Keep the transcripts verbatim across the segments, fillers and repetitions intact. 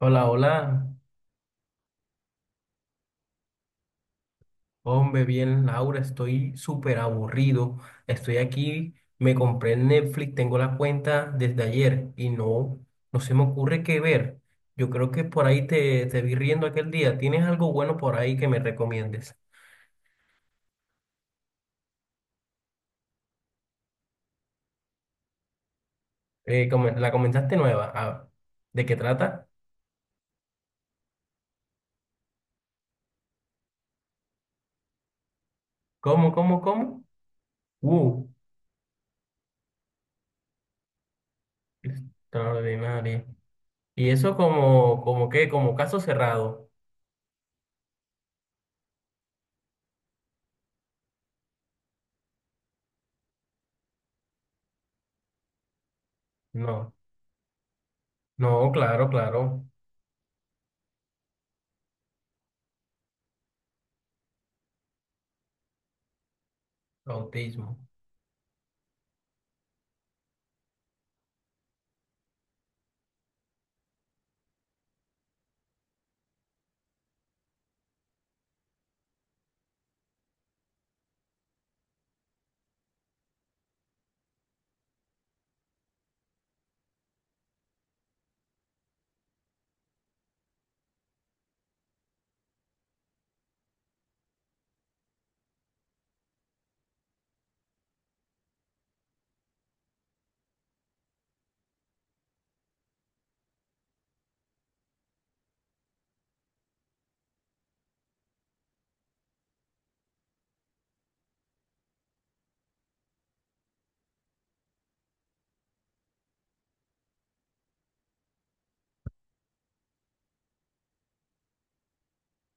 Hola, hola. Hombre, bien, Laura, estoy súper aburrido. Estoy aquí, me compré el Netflix, tengo la cuenta desde ayer y no, no se me ocurre qué ver. Yo creo que por ahí te, te vi riendo aquel día. ¿Tienes algo bueno por ahí que me recomiendes? Eh, como- la comentaste nueva. Ah, ¿de qué trata? ¿Cómo, cómo, cómo? Uh, Extraordinaria. ¿Y eso como, como qué? ¿Como caso cerrado? No, no, claro, claro. Autismo.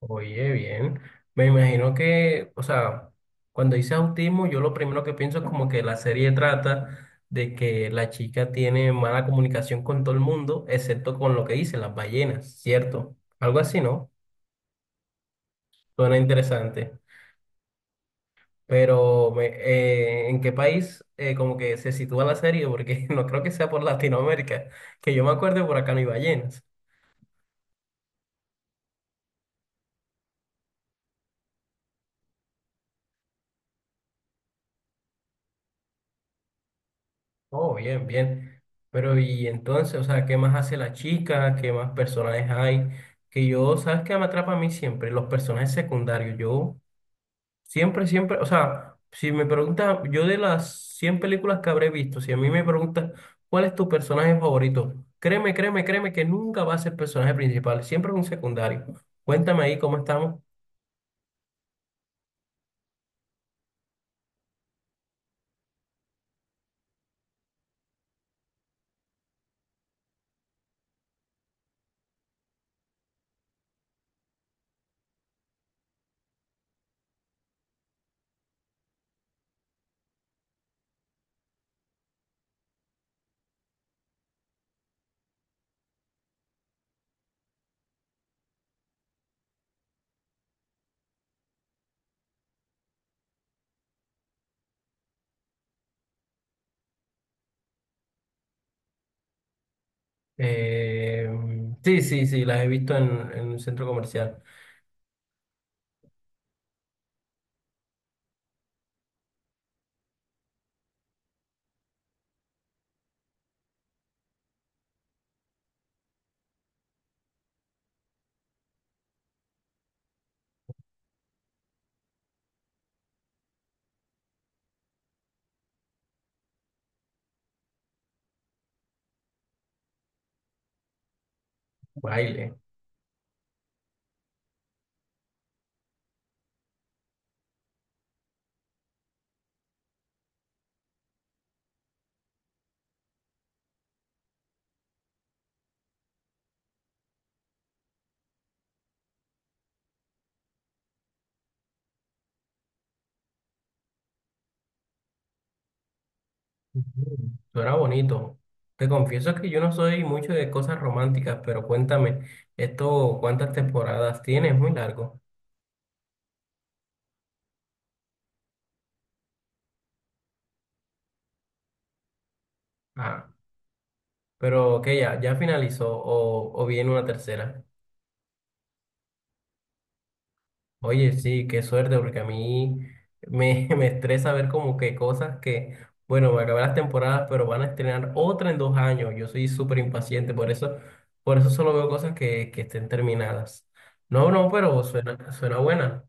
Oye, bien. Me imagino que, o sea, cuando dice autismo, yo lo primero que pienso es como que la serie trata de que la chica tiene mala comunicación con todo el mundo, excepto con lo que dicen las ballenas, ¿cierto? Algo así, ¿no? Suena interesante. Pero, me- eh, ¿en qué país eh, como que se sitúa la serie? Porque no creo que sea por Latinoamérica. Que yo me acuerde, por acá no hay ballenas. Oh, bien, bien. Pero y entonces, o sea, ¿qué más hace la chica? ¿Qué más personajes hay? Que yo, ¿sabes qué me atrapa a mí siempre? Los personajes secundarios. Yo siempre, siempre, o sea, si me preguntas, yo de las cien películas que habré visto, si a mí me preguntas, ¿cuál es tu personaje favorito? Créeme, créeme, créeme que nunca va a ser personaje principal, siempre es un secundario. Cuéntame ahí cómo estamos. Eh, sí, sí, sí, las he visto en, en un centro comercial. Baile. Mm, suena bonito. Te confieso que yo no soy mucho de cosas románticas, pero cuéntame, ¿esto cuántas temporadas tiene? Es muy largo. Ah, pero que ya, ya finalizó o, o viene una tercera. Oye, sí, qué suerte, porque a mí me, me estresa ver como que cosas que, bueno, me acabé las temporadas, pero van a estrenar otra en dos años. Yo soy súper impaciente, por eso, por eso solo veo cosas que, que estén terminadas. No, no, pero suena, suena buena.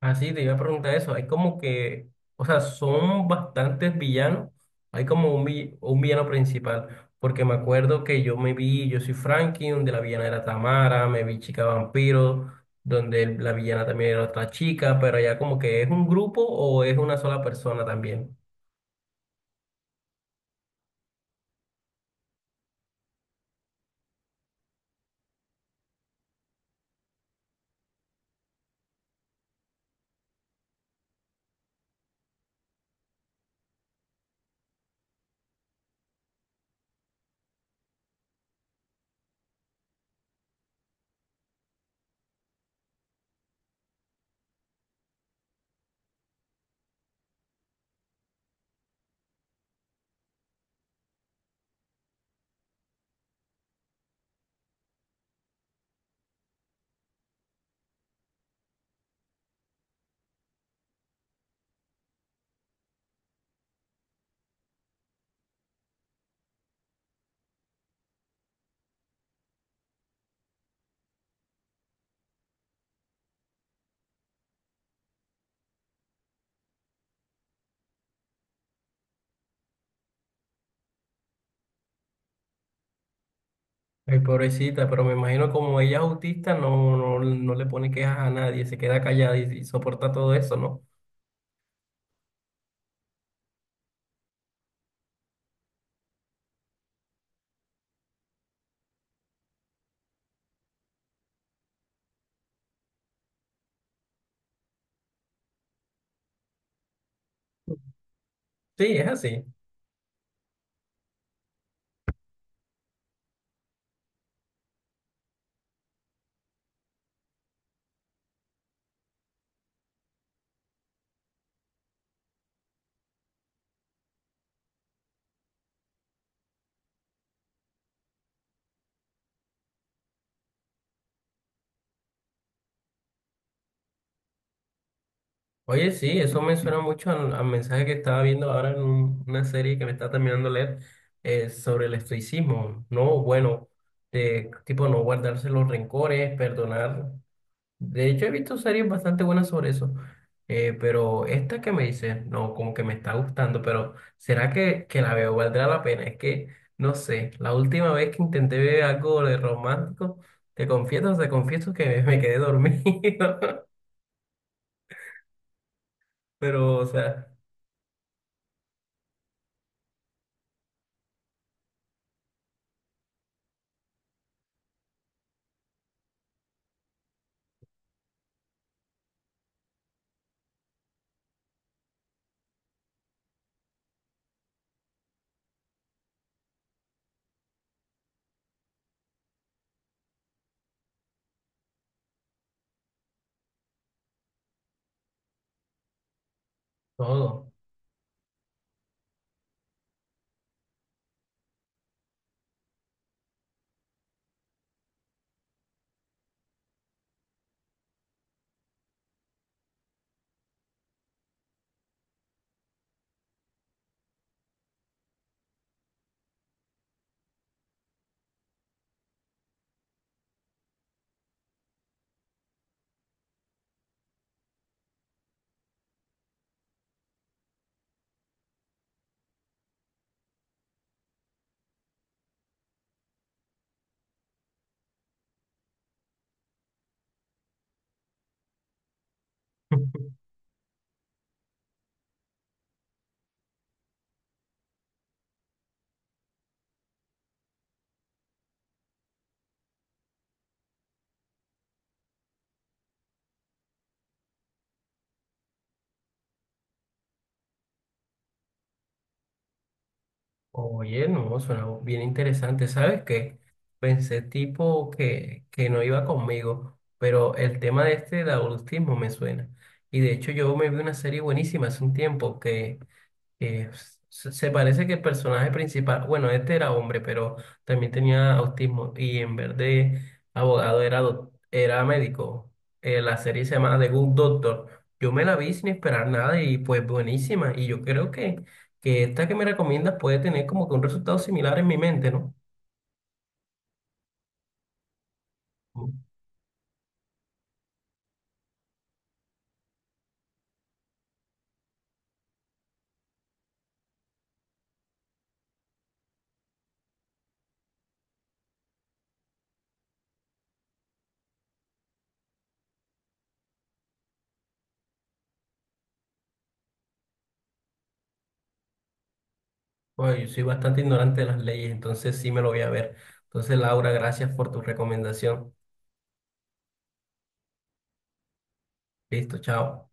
Así te iba a preguntar eso. Hay como que, o sea, son bastantes villanos. Hay como un, vi- un villano principal. Porque me acuerdo que yo me vi, yo soy Frankie, donde la villana era Tamara, me vi Chica Vampiro, donde el- la villana también era otra chica, pero ya como que es un grupo o es una sola persona también. Ay, pobrecita, pero me imagino como ella es autista, no, no, no le pone quejas a nadie, se queda callada y y soporta todo eso, ¿no? Sí, es así. Oye, sí, eso me suena mucho al, al mensaje que estaba viendo ahora en un- una serie que me está terminando de leer eh, sobre el estoicismo. No, bueno, de, tipo no guardarse los rencores, perdonar. De hecho, he visto series bastante buenas sobre eso, eh, pero esta que me dice, no, como que me está gustando, pero ¿será que, que la veo? ¿Valdrá la pena? Es que, no sé, la última vez que intenté ver algo de romántico, te confieso, te confieso que me me quedé dormido, pero, o sea, todo. Oye, no, suena bien interesante. ¿Sabes qué? Pensé tipo que, que no iba conmigo, pero el tema de este del autismo me suena. Y de hecho yo me vi una serie buenísima hace un tiempo que Eh, se se parece que el personaje principal, bueno, este era hombre, pero también tenía autismo y en vez de abogado era, doc- era médico. Eh, la serie se llama The Good Doctor. Yo me la vi sin esperar nada y pues buenísima. Y yo creo que, que esta que me recomiendas puede tener como que un resultado similar en mi mente, ¿no? Mm. Bueno, yo soy bastante ignorante de las leyes, entonces sí me lo voy a ver. Entonces, Laura, gracias por tu recomendación. Listo, chao.